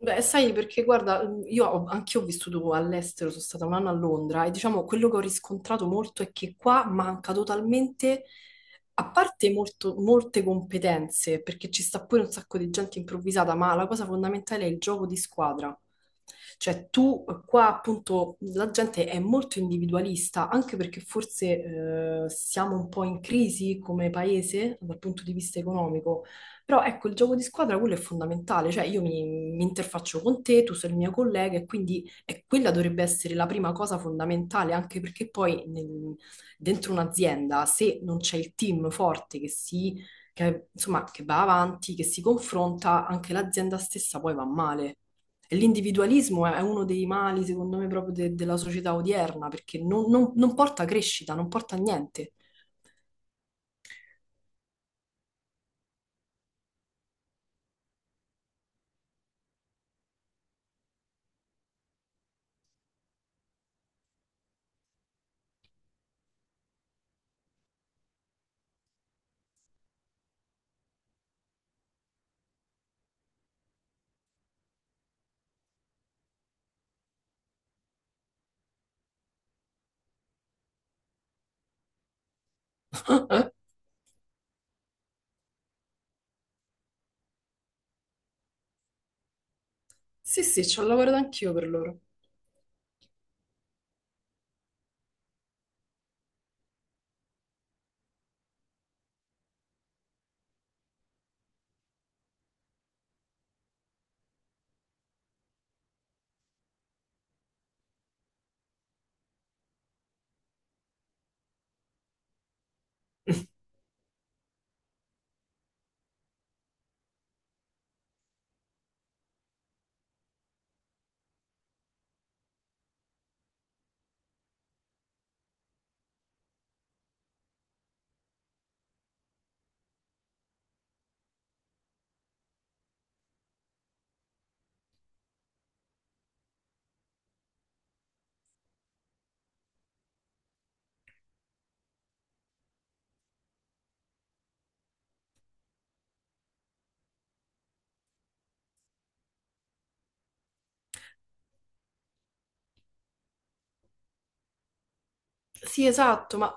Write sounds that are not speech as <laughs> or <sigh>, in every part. Beh, sai, perché guarda, anch'io ho vissuto all'estero, sono stata un anno a Londra e diciamo quello che ho riscontrato molto è che qua manca totalmente, a parte molte competenze, perché ci sta pure un sacco di gente improvvisata, ma la cosa fondamentale è il gioco di squadra. Cioè tu qua appunto la gente è molto individualista, anche perché forse siamo un po' in crisi come paese dal punto di vista economico. Però ecco, il gioco di squadra quello è fondamentale, cioè io mi interfaccio con te, tu sei il mio collega e quindi quella dovrebbe essere la prima cosa fondamentale, anche perché poi dentro un'azienda, se non c'è il team forte che, insomma, che va avanti, che si confronta, anche l'azienda stessa poi va male. E l'individualismo è uno dei mali, secondo me, proprio della società odierna, perché non porta crescita, non porta a niente. <laughs> Sì, sì, ci ho lavorato anch'io per loro. Sì, esatto, ma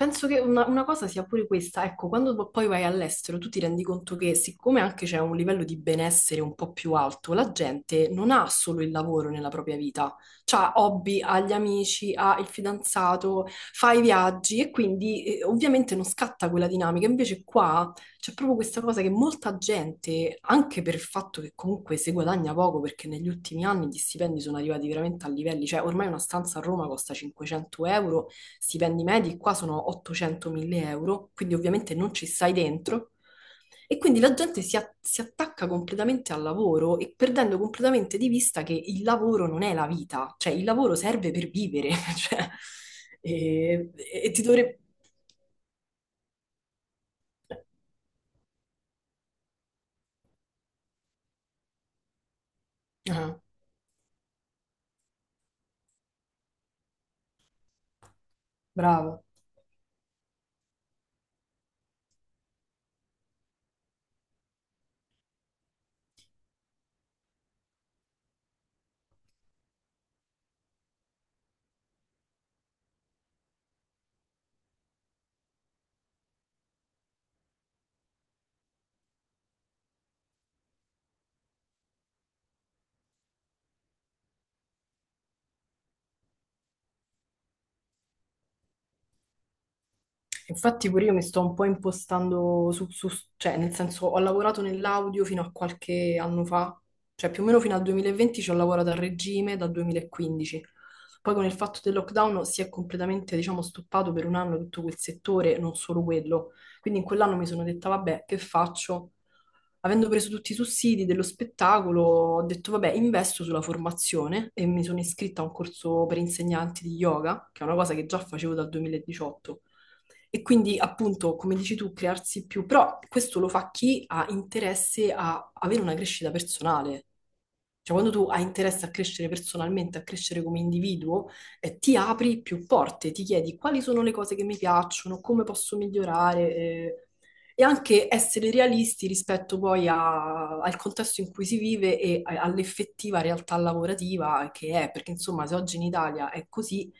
penso che una cosa sia pure questa, ecco, quando poi vai all'estero tu ti rendi conto che siccome anche c'è un livello di benessere un po' più alto, la gente non ha solo il lavoro nella propria vita, ha hobby, ha gli amici, ha il fidanzato, fa i viaggi e quindi ovviamente non scatta quella dinamica. Invece qua c'è proprio questa cosa che molta gente, anche per il fatto che comunque si guadagna poco, perché negli ultimi anni gli stipendi sono arrivati veramente a livelli, cioè ormai una stanza a Roma costa 500 euro, stipendi medi qua sono 800-1000 euro, quindi ovviamente non ci stai dentro. E quindi la gente si attacca completamente al lavoro e perdendo completamente di vista che il lavoro non è la vita, cioè il lavoro serve per vivere, <laughs> cioè, e, e ti dovrebbe... Ah, bravo. Infatti pure io mi sto un po' impostando cioè nel senso ho lavorato nell'audio fino a qualche anno fa, cioè più o meno fino al 2020 ci ho lavorato a regime dal 2015. Poi con il fatto del lockdown si è completamente, diciamo, stoppato per un anno tutto quel settore, non solo quello. Quindi in quell'anno mi sono detta, vabbè, che faccio? Avendo preso tutti i sussidi dello spettacolo, ho detto, vabbè, investo sulla formazione e mi sono iscritta a un corso per insegnanti di yoga, che è una cosa che già facevo dal 2018. E quindi, appunto, come dici tu, crearsi più, però questo lo fa chi ha interesse a avere una crescita personale. Cioè, quando tu hai interesse a crescere personalmente, a crescere come individuo, ti apri più porte, ti chiedi quali sono le cose che mi piacciono, come posso migliorare, e anche essere realisti rispetto poi al contesto in cui si vive e all'effettiva realtà lavorativa che è, perché insomma, se oggi in Italia è così,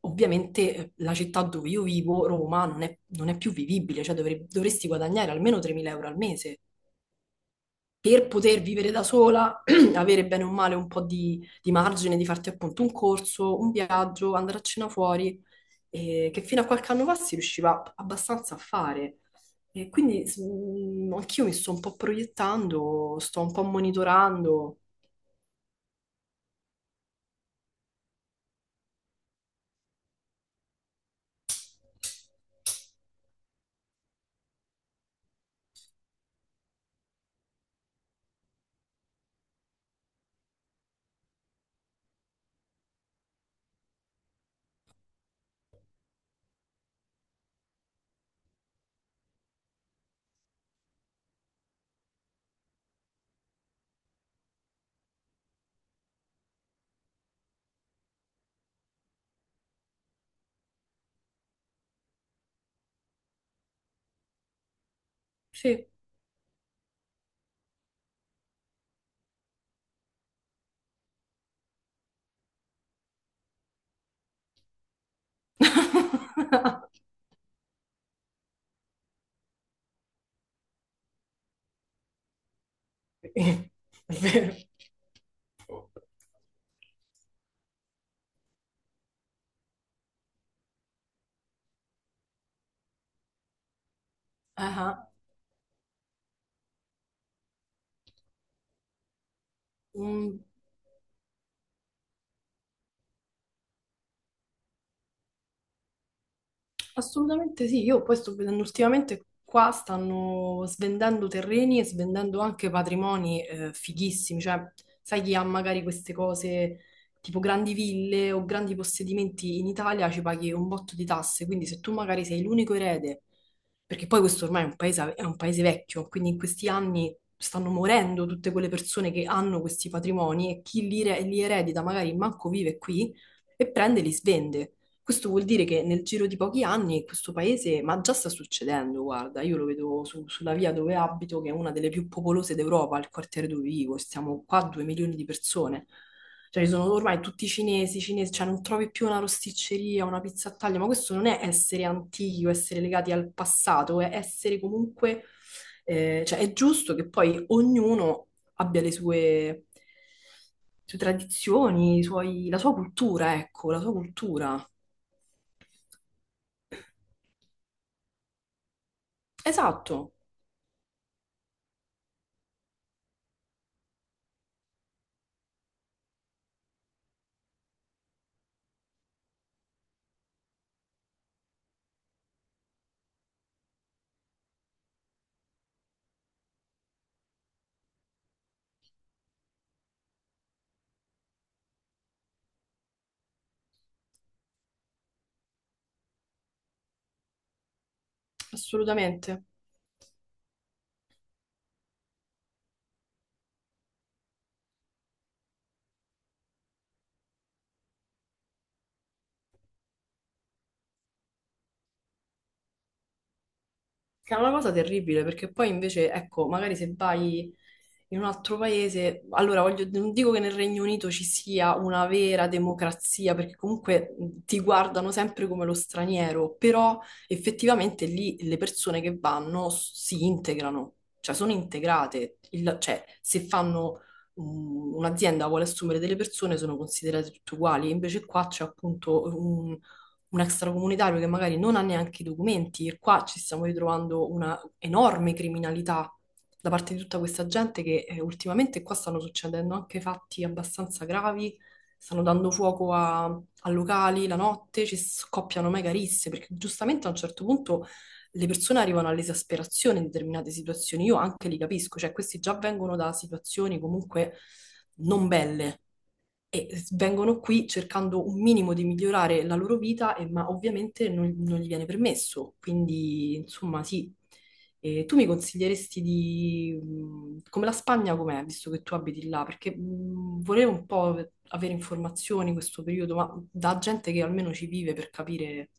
ovviamente la città dove io vivo, Roma, non è più vivibile, cioè dovresti guadagnare almeno 3.000 euro al mese per poter vivere da sola, <clears throat> avere bene o male un po' di margine, di farti appunto un corso, un viaggio, andare a cena fuori, che fino a qualche anno fa si riusciva abbastanza a fare. E quindi anch'io mi sto un po' proiettando, sto un po' monitorando. Sì. <laughs> È vero. Ah, mm, assolutamente sì, io poi sto vedendo ultimamente qua stanno svendendo terreni e svendendo anche patrimoni fighissimi, cioè sai chi ha magari queste cose tipo grandi ville o grandi possedimenti in Italia ci paghi un botto di tasse, quindi se tu magari sei l'unico erede, perché poi questo ormai è un paese vecchio, quindi in questi anni stanno morendo tutte quelle persone che hanno questi patrimoni e chi li eredita magari manco vive qui e prende e li svende. Questo vuol dire che nel giro di pochi anni questo paese, ma già sta succedendo, guarda, io lo vedo sulla via dove abito, che è una delle più popolose d'Europa, il quartiere dove vivo, stiamo qua 2 milioni di persone. Cioè, ci sono ormai tutti cinesi, cinesi, cioè non trovi più una rosticceria, una pizza a taglio, ma questo non è essere antichi o essere legati al passato, è essere comunque, cioè è giusto che poi ognuno abbia le sue tradizioni, la sua cultura, ecco, la sua cultura. Esatto, assolutamente. Che è una cosa terribile perché poi invece, ecco, magari se vai in un altro paese, allora voglio, non dico che nel Regno Unito ci sia una vera democrazia, perché comunque ti guardano sempre come lo straniero, però effettivamente lì le persone che vanno si integrano, cioè sono integrate, cioè se fanno un'azienda vuole assumere delle persone sono considerate tutte uguali, invece qua c'è appunto un extracomunitario che magari non ha neanche i documenti e qua ci stiamo ritrovando una enorme criminalità da parte di tutta questa gente che ultimamente qua stanno succedendo anche fatti abbastanza gravi, stanno dando fuoco a locali la notte, ci scoppiano mega risse perché giustamente a un certo punto le persone arrivano all'esasperazione in determinate situazioni, io anche li capisco, cioè questi già vengono da situazioni comunque non belle e vengono qui cercando un minimo di migliorare la loro vita, ma ovviamente non gli viene permesso. Quindi, insomma, sì. Tu mi consiglieresti come la Spagna com'è, visto che tu abiti là? Perché volevo un po' avere informazioni in questo periodo, ma da gente che almeno ci vive per capire...